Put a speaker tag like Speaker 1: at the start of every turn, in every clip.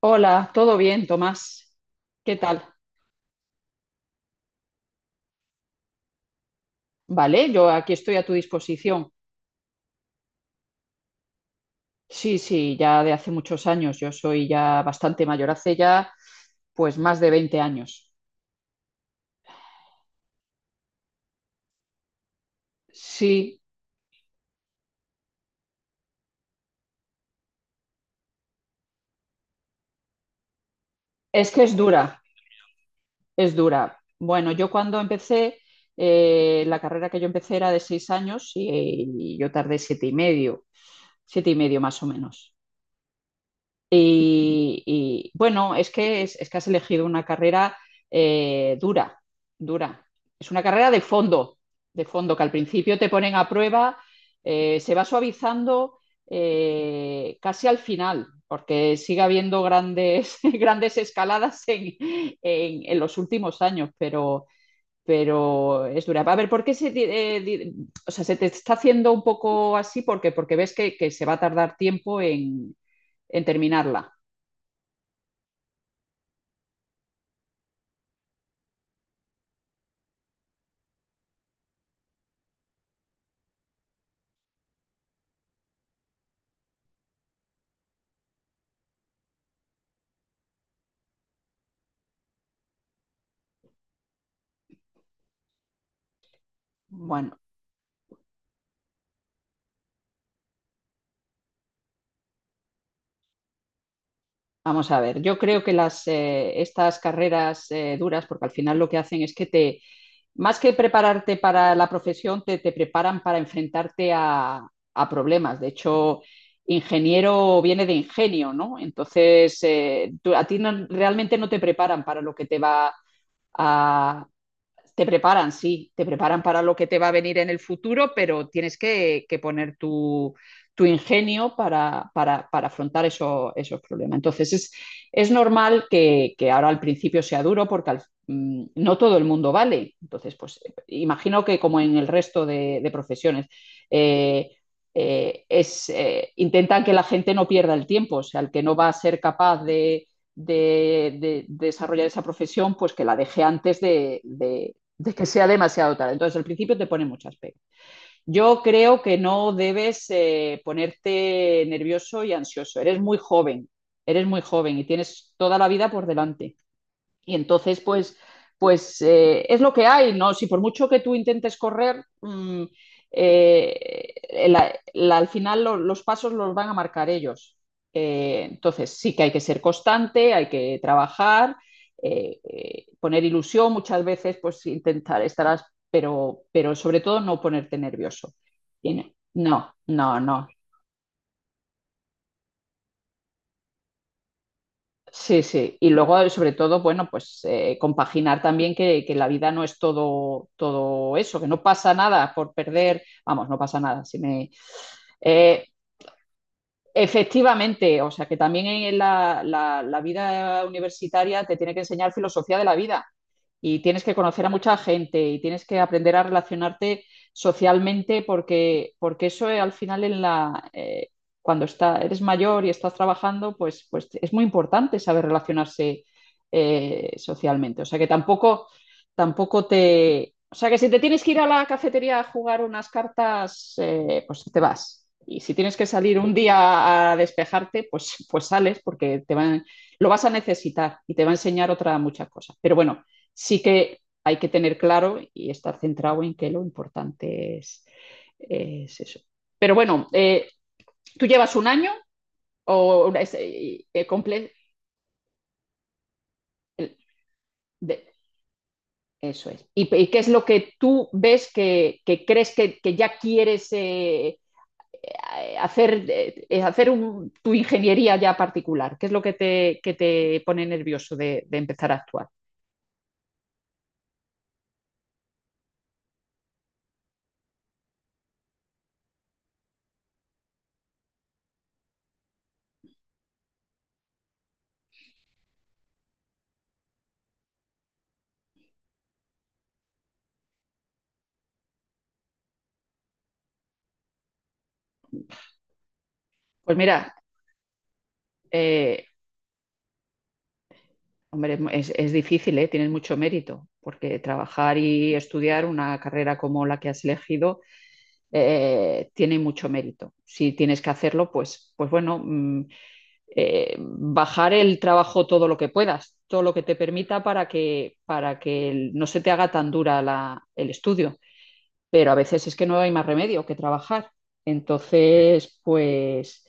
Speaker 1: Hola, ¿todo bien, Tomás? ¿Qué tal? Vale, yo aquí estoy a tu disposición. Sí, sí, ya de hace muchos años. Yo soy ya bastante mayor, hace ya pues más de 20 años. Sí, es que es dura, es dura. Bueno, yo cuando empecé, la carrera que yo empecé era de 6 años y yo tardé siete y medio más o menos. Bueno, es, que has elegido una carrera dura, dura. Es una carrera de fondo, que al principio te ponen a prueba, se va suavizando casi al final, porque sigue habiendo grandes, grandes escaladas en los últimos años, pero es dura. A ver, ¿por qué se, di- di, o sea, ¿se te está haciendo un poco así? Porque, porque ves que se va a tardar tiempo en terminarla. Bueno, vamos a ver. Yo creo que estas carreras duras, porque al final lo que hacen es que más que prepararte para la profesión, te preparan para enfrentarte a problemas. De hecho, ingeniero viene de ingenio, ¿no? Entonces, tú- a ti no- realmente no te preparan para lo que te va a, te preparan, sí, te preparan para lo que te va a venir en el futuro, pero tienes que poner tu, tu ingenio para afrontar eso, esos problemas. Entonces, es normal ahora al principio sea duro porque no todo el mundo vale. Entonces, pues imagino que como en el resto de profesiones, eh, intentan que la gente no pierda el tiempo, o sea, el que no va a ser capaz de desarrollar esa profesión, pues que la deje de que sea demasiado tarde. Entonces, al principio te pone muchas pegas. Yo creo que no debes ponerte nervioso y ansioso. Eres muy joven y tienes toda la vida por delante. Y entonces, es lo que hay, ¿no? Si por mucho que tú intentes correr, al final los pasos los van a marcar ellos. Entonces, sí que hay que ser constante, hay que trabajar, poner ilusión muchas veces, pues intentar estarás, pero sobre todo no ponerte nervioso. Tiene- No, no, no, sí, sí. Y luego, sobre todo, bueno, compaginar también que la vida no es todo, todo eso, que no pasa nada por perder, vamos, no pasa nada. Si me... Eh, Efectivamente, o sea, que también en la vida universitaria te tiene que enseñar filosofía de la vida y tienes que conocer a mucha gente y tienes que aprender a relacionarte socialmente porque, porque eso al final cuando está, eres mayor y estás trabajando, pues, pues es muy importante saber relacionarse socialmente. O sea que tampoco, tampoco te... O sea que si te tienes que ir a la cafetería a jugar unas cartas, pues te vas. Y si tienes que salir un día a despejarte, pues, pues sales porque te van, lo vas a necesitar y te va a enseñar otra muchas cosas. Pero bueno, sí que hay que tener claro y estar centrado en que lo importante es eso. Pero bueno, tú llevas un año o una- es, comple- el- de- eso es. Y, y ¿qué es lo que tú ves que crees que ya quieres hacer tu ingeniería ya particular? ¿Qué es lo que que te pone nervioso de empezar a actuar? Pues mira, eh, hombre, es difícil, ¿eh? Tienes mucho mérito, porque trabajar y estudiar una carrera como la que has elegido tiene mucho mérito. Si tienes que hacerlo, pues, bajar el trabajo todo lo que puedas, todo lo que te permita para que no se te haga tan dura el estudio, pero a veces es que no hay más remedio que trabajar. Entonces, pues,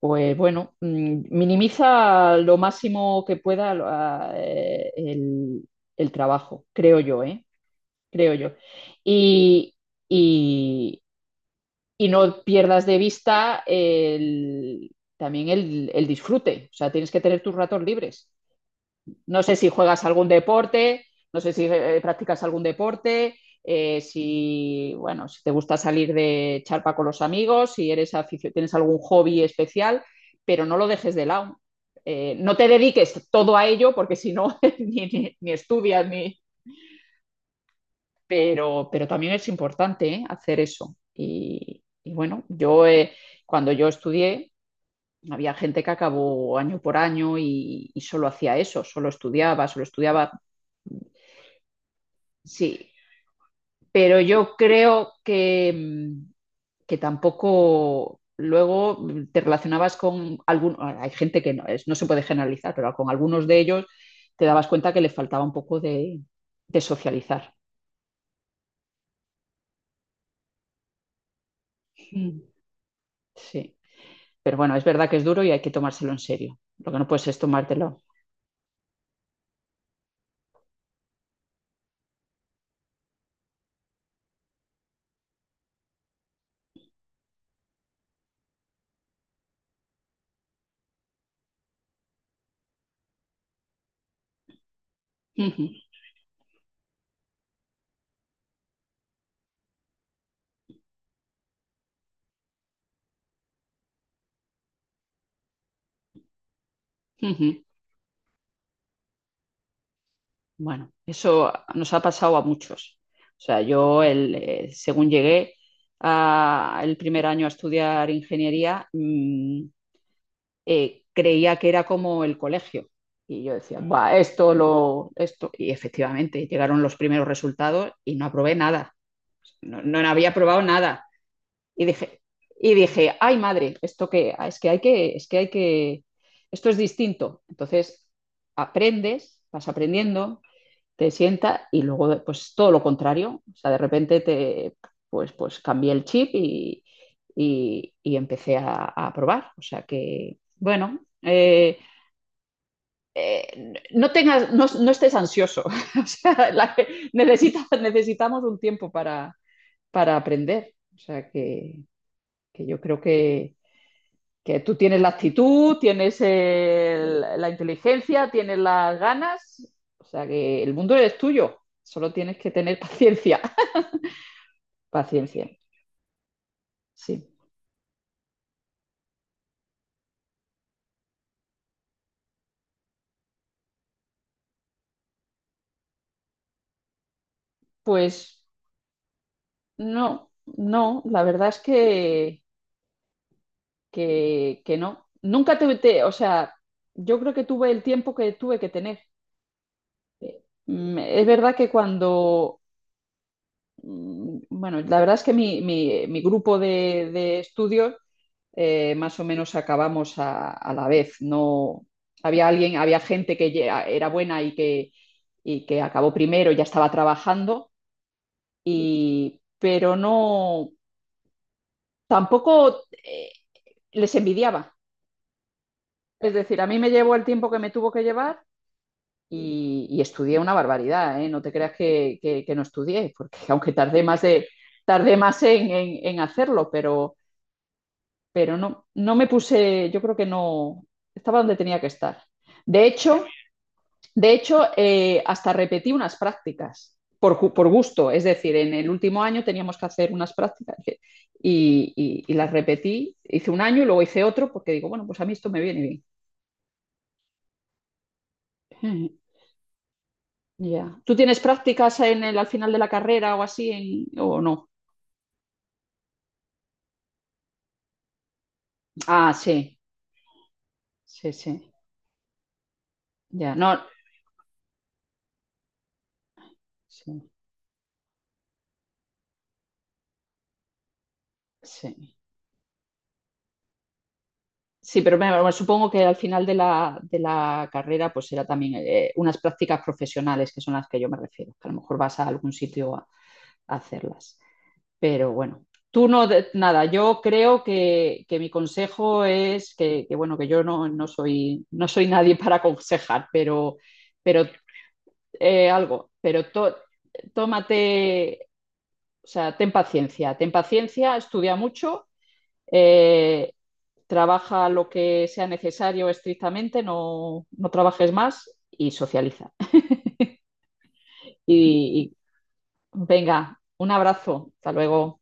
Speaker 1: minimiza lo máximo que pueda el trabajo, creo yo, ¿eh? Creo yo. Y, y- y no pierdas de vista también el disfrute, o sea, tienes que tener tus ratos libres. No sé si juegas algún deporte, no sé si practicas algún deporte, si, bueno, si te gusta salir de charpa con los amigos, si eres tienes algún hobby especial, pero no lo dejes de lado. No te dediques todo a ello porque si no, ni estudias, ni... pero también es importante, ¿eh? Hacer eso. Y bueno, yo cuando yo estudié, había gente que acabó año por año y solo hacía eso, solo estudiaba, solo estudiaba. Sí, pero yo creo que, que tampoco luego te relacionabas con algunos, hay gente que no, es, no se puede generalizar, pero con algunos de ellos te dabas cuenta que le faltaba un poco de socializar. Mm. Sí, pero bueno, es verdad que es duro y hay que tomárselo en serio. Lo que no puedes es tomártelo. Ujú, ujú. Bueno, eso nos ha pasado a muchos. O sea, según llegué el primer año a estudiar ingeniería, creía que era como el colegio. Y yo decía, va, esto, lo, esto. Y efectivamente, llegaron los primeros resultados y no aprobé nada. No, no había probado nada. Y dije, y dije, ay madre, esto que ah, es que hay que, es que hay que, esto es distinto. Entonces, aprendes, vas aprendiendo, te sienta y luego pues todo lo contrario, o sea, de repente te, pues, pues cambié el chip y empecé a probar, o sea que, bueno. No tengas, no, no estés ansioso. O sea, la, necesita, necesitamos un tiempo para aprender. O sea que yo creo que tú tienes la actitud, tienes la inteligencia, tienes las ganas, o sea que el mundo es tuyo, solo tienes que tener paciencia, paciencia, sí. Pues no, no, la verdad es que no. Nunca tuve, te- o sea, yo creo que tuve el tiempo que tuve que tener. Es verdad que cuando, bueno, la verdad es que mi grupo de estudios más o menos acabamos a la vez. No, había alguien, había gente que ya era buena y que acabó primero, ya estaba trabajando, y, pero no, tampoco les envidiaba. Es decir, a mí me llevó el tiempo que me tuvo que llevar y estudié una barbaridad, ¿eh? No te creas que, que no estudié, porque aunque tardé más de, tardé más en hacerlo, pero no, no me puse, yo creo que no, estaba donde tenía que estar. De hecho, de hecho, hasta repetí unas prácticas gusto. Es decir, en el último año teníamos que hacer unas prácticas las repetí. Hice un año y luego hice otro porque digo, bueno, pues a mí esto me viene bien. Yeah. ¿Tú tienes prácticas en el, al final de la carrera o así en, o no? Ah, sí, sí, sí. Ya, yeah, no. Sí, sí. Sí, pero me- bueno, supongo que al final de la carrera pues será también unas prácticas profesionales que son las que yo me refiero, que a lo mejor vas a algún sitio a hacerlas. Pero bueno, tú no, de- nada, yo creo que mi consejo es que, bueno, que yo no, no soy, no soy nadie para aconsejar, pero, pero eh, algo, pero to- tómate, o sea, ten paciencia, estudia mucho. eh, Trabaja lo que sea necesario estrictamente, no, no trabajes más y socializa. Y, y venga, un abrazo, hasta luego.